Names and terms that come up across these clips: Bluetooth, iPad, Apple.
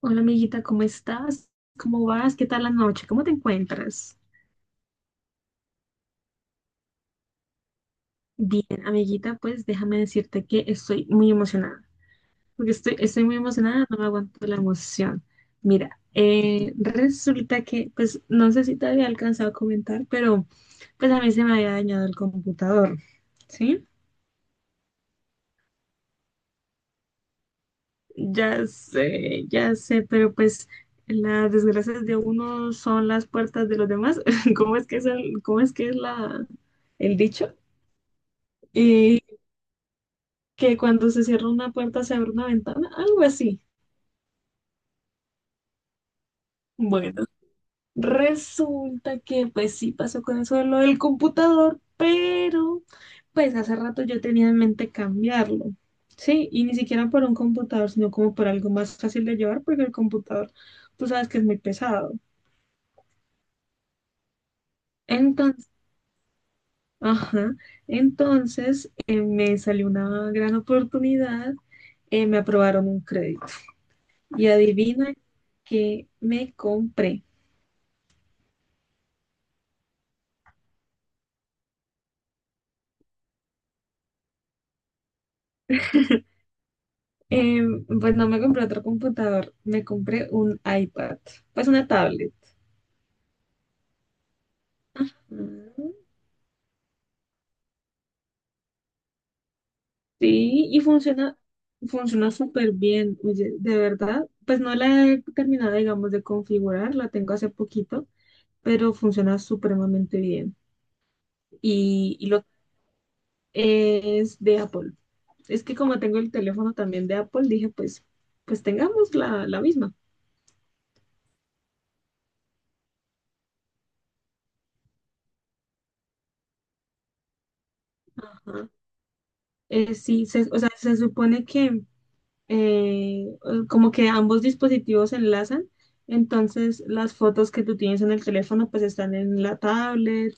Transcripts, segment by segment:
Hola amiguita, ¿cómo estás? ¿Cómo vas? ¿Qué tal la noche? ¿Cómo te encuentras? Bien, amiguita, pues déjame decirte que estoy muy emocionada, porque estoy muy emocionada, no me aguanto la emoción. Mira, resulta que, pues no sé si te había alcanzado a comentar, pero pues a mí se me había dañado el computador, ¿sí? Ya sé, pero pues las desgracias de uno son las puertas de los demás. ¿Cómo es que es el, cómo es que es la, el dicho? Y que cuando se cierra una puerta se abre una ventana, algo así. Bueno, resulta que pues sí pasó con eso de lo del computador, pero pues hace rato yo tenía en mente cambiarlo. Sí, y ni siquiera por un computador, sino como por algo más fácil de llevar, porque el computador, tú sabes que es muy pesado. Entonces, ajá, entonces me salió una gran oportunidad, me aprobaron un crédito. Y adivina que me compré. Eh, pues no me compré otro computador, me compré un iPad, pues una tablet. Mm, sí, y funciona súper bien, oye, de verdad. Pues no la he terminado, digamos, de configurar, la tengo hace poquito, pero funciona supremamente bien. Y lo es de Apple. Es que como tengo el teléfono también de Apple, dije, pues, pues tengamos la misma. Ajá. Sí, o sea, se supone que como que ambos dispositivos se enlazan, entonces las fotos que tú tienes en el teléfono pues están en la tablet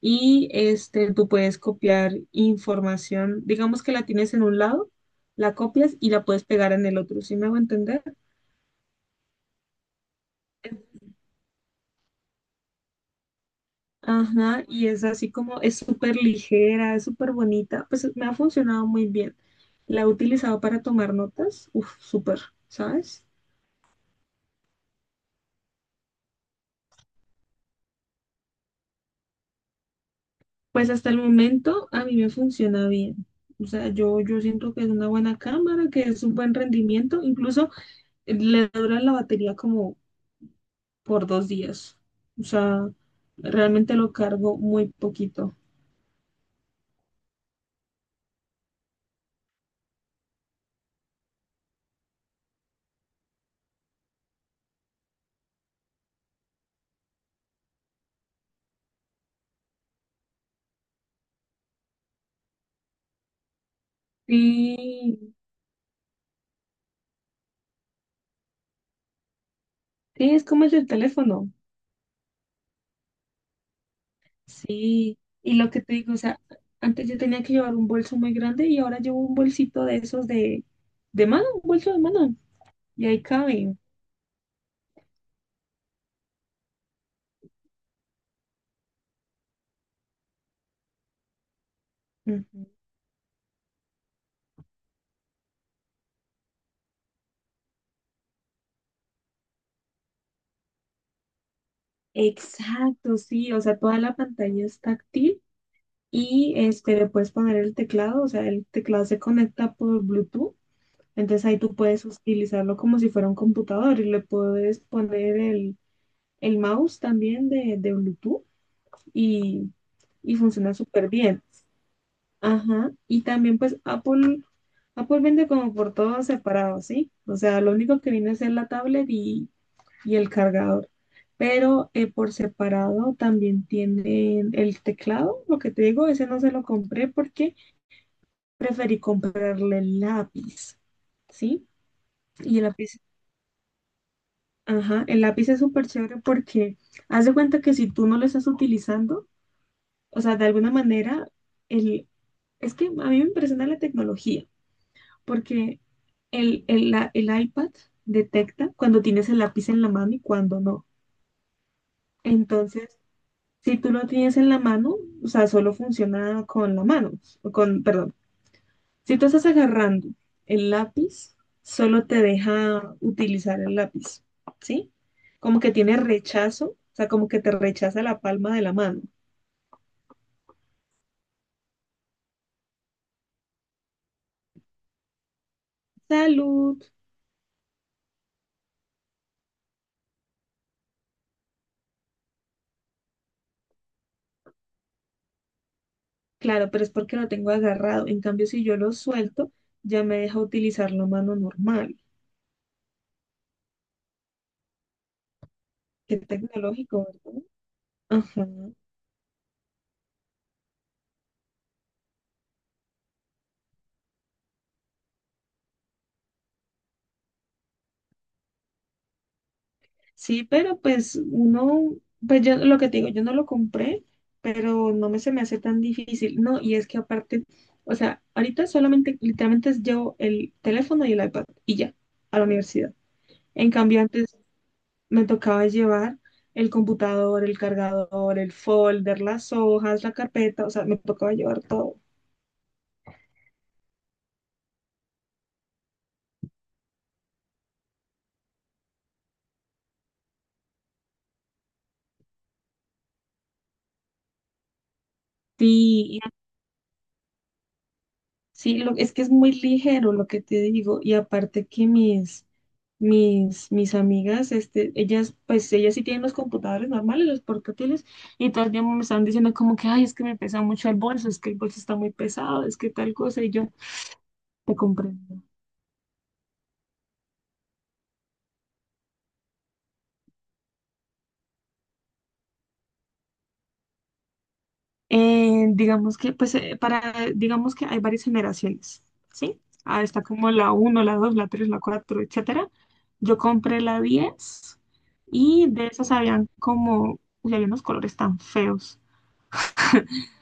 y este, tú puedes copiar información, digamos que la tienes en un lado, la copias y la puedes pegar en el otro, ¿sí me hago entender? Ajá, y es así como, es súper ligera, es súper bonita, pues me ha funcionado muy bien. La he utilizado para tomar notas, uff, súper, ¿sabes? Pues hasta el momento a mí me funciona bien. O sea, yo siento que es una buena cámara, que es un buen rendimiento. Incluso le dura la batería como por 2 días. O sea, realmente lo cargo muy poquito. Sí, sí, es como el del teléfono. Sí. Y lo que te digo, o sea, antes yo tenía que llevar un bolso muy grande y ahora llevo un bolsito de esos de mano, un bolso de mano. Y ahí cabe. Ujú. Exacto, sí, o sea, toda la pantalla es táctil y este, le puedes poner el teclado, o sea, el teclado se conecta por Bluetooth, entonces ahí tú puedes utilizarlo como si fuera un computador y le puedes poner el mouse también de Bluetooth y, y funciona súper bien. Ajá, y también pues Apple vende como por todo separado, ¿sí? O sea, lo único que viene es la tablet y el cargador. Pero por separado también tienen el teclado. Lo que te digo, ese no se lo compré porque preferí comprarle el lápiz, ¿sí? Y el lápiz, ajá, el lápiz es súper chévere porque haz de cuenta que si tú no lo estás utilizando, o sea, de alguna manera, el, es que a mí me impresiona la tecnología porque el, el iPad detecta cuando tienes el lápiz en la mano y cuando no. Entonces, si tú lo tienes en la mano, o sea, solo funciona con la mano, o con, perdón. Si tú estás agarrando el lápiz, solo te deja utilizar el lápiz, ¿sí? Como que tiene rechazo, o sea, como que te rechaza la palma de la mano. Salud. Claro, pero es porque lo tengo agarrado. En cambio, si yo lo suelto, ya me deja utilizar la mano normal. Qué tecnológico, ¿verdad? Ajá. Sí, pero pues uno, pues yo lo que te digo, yo no lo compré, pero no me se me hace tan difícil. No, y es que aparte, o sea, ahorita solamente, literalmente es llevo el teléfono y el iPad y ya, a la universidad. En cambio, antes me tocaba llevar el computador, el cargador, el folder, las hojas, la carpeta, o sea, me tocaba llevar todo. Sí, sí, lo, es que es muy ligero lo que te digo y aparte que mis amigas, este, ellas, pues ellas sí tienen los computadores normales, los portátiles y todo el tiempo me están diciendo como que, ay, es que me pesa mucho el bolso, es que el bolso está muy pesado, es que tal cosa y yo te comprendo. Digamos que, pues, para, digamos que hay varias generaciones, ¿sí? Ah, está como la uno la 2 la 3 la 4 etcétera. Yo compré la 10 y de esas habían como, uy, había unos colores tan feos.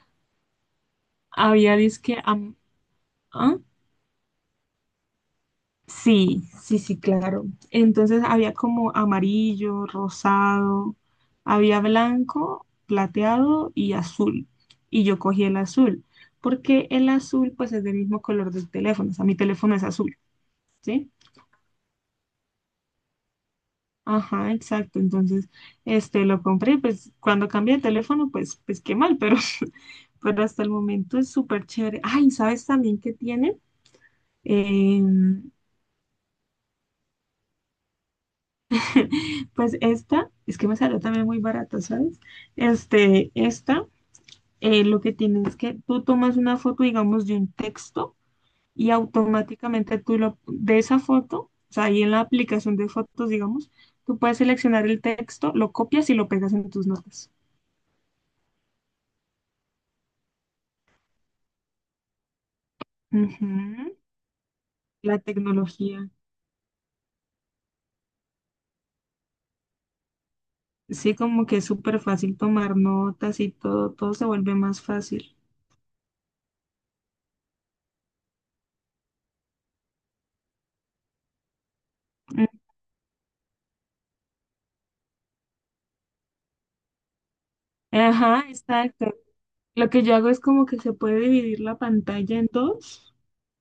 Había disque, ¿ah? Sí, sí, sí, claro. Entonces había como amarillo, rosado, había blanco, plateado y azul. Y yo cogí el azul, porque el azul pues es del mismo color del teléfono, o sea, mi teléfono es azul, ¿sí? Ajá, exacto. Entonces, este, lo compré, pues cuando cambié de teléfono, pues, qué mal, pero, pero hasta el momento es súper chévere. Ay, ¿sabes también qué tiene? Em, Pues esta, es que me salió también muy barata, ¿sabes? Este, esta, lo que tiene es que tú tomas una foto, digamos, de un texto y automáticamente tú lo, de esa foto, o sea, ahí en la aplicación de fotos, digamos, tú puedes seleccionar el texto, lo copias y lo pegas en tus notas. Ujú, la tecnología. Sí, como que es súper fácil tomar notas y todo, todo se vuelve más fácil. Mm, ajá, exacto. Lo que yo hago es como que se puede dividir la pantalla en dos.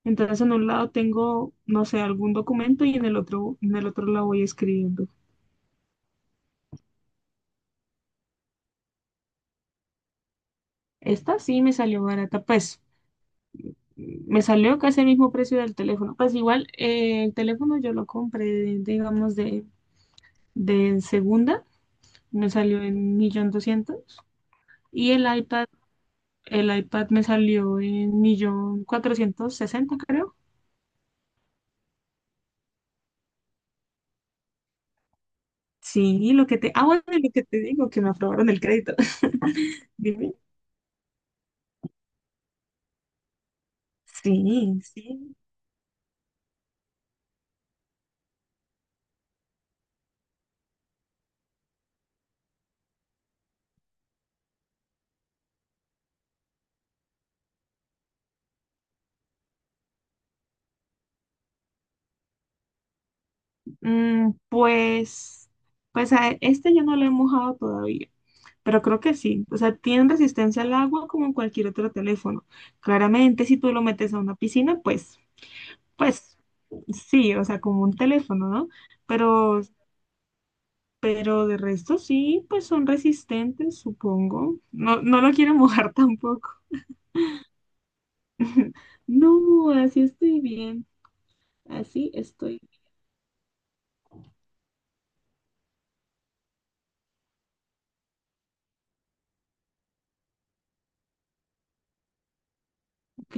Entonces en un lado tengo, no sé, algún documento y en el otro lado voy escribiendo. Esta sí me salió barata, pues me salió casi el mismo precio del teléfono. Pues igual el teléfono yo lo compré, digamos, de segunda, me salió en 1.200.000 y el iPad me salió en 1.460.000, creo. Sí, y lo que te, ah, bueno, y lo que te digo, que me aprobaron el crédito. Dime. Sí, sí. Mm, pues, a este yo no lo he mojado todavía, pero creo que sí. O sea, tiene resistencia al agua como cualquier otro teléfono. Claramente, si tú lo metes a una piscina, pues, pues, sí, o sea, como un teléfono, ¿no? Pero, pero de resto sí, pues son resistentes, supongo. No, no lo quiero mojar tampoco. No, así estoy bien. Así estoy. Ok.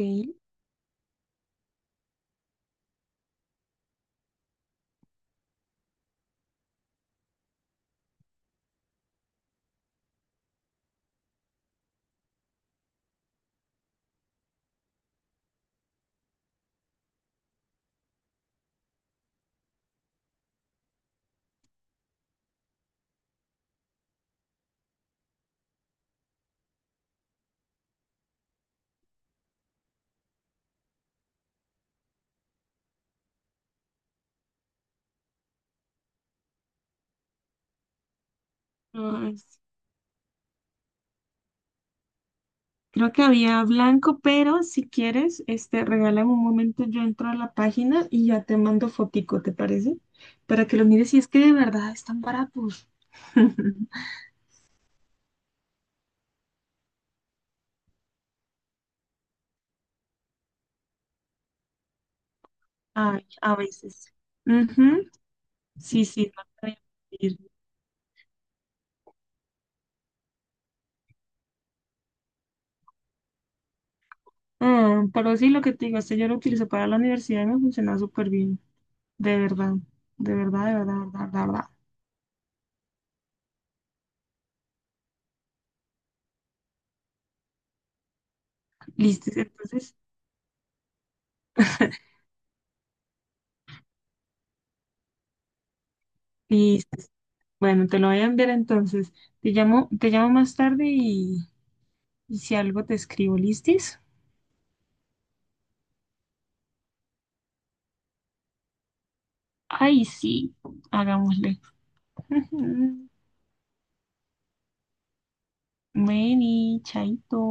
Ay, sí. Creo que había blanco, pero si quieres, este, regálame un momento, yo entro a la página y ya te mando fotico, ¿te parece? Para que lo mires y es que de verdad están baratos. Ay, a veces. Ujú. Sí, sí, no te voy a mentir. Ah, pero sí, lo que te digo, este yo lo utilizo para la universidad y me funciona súper bien. De verdad, de verdad, de verdad, de verdad, de verdad. Listo, entonces, listo. Bueno, te lo voy a enviar entonces. Te llamo más tarde y, si algo te escribo, ¿listis? Ay, sí, hagámosle. Meni, chaito.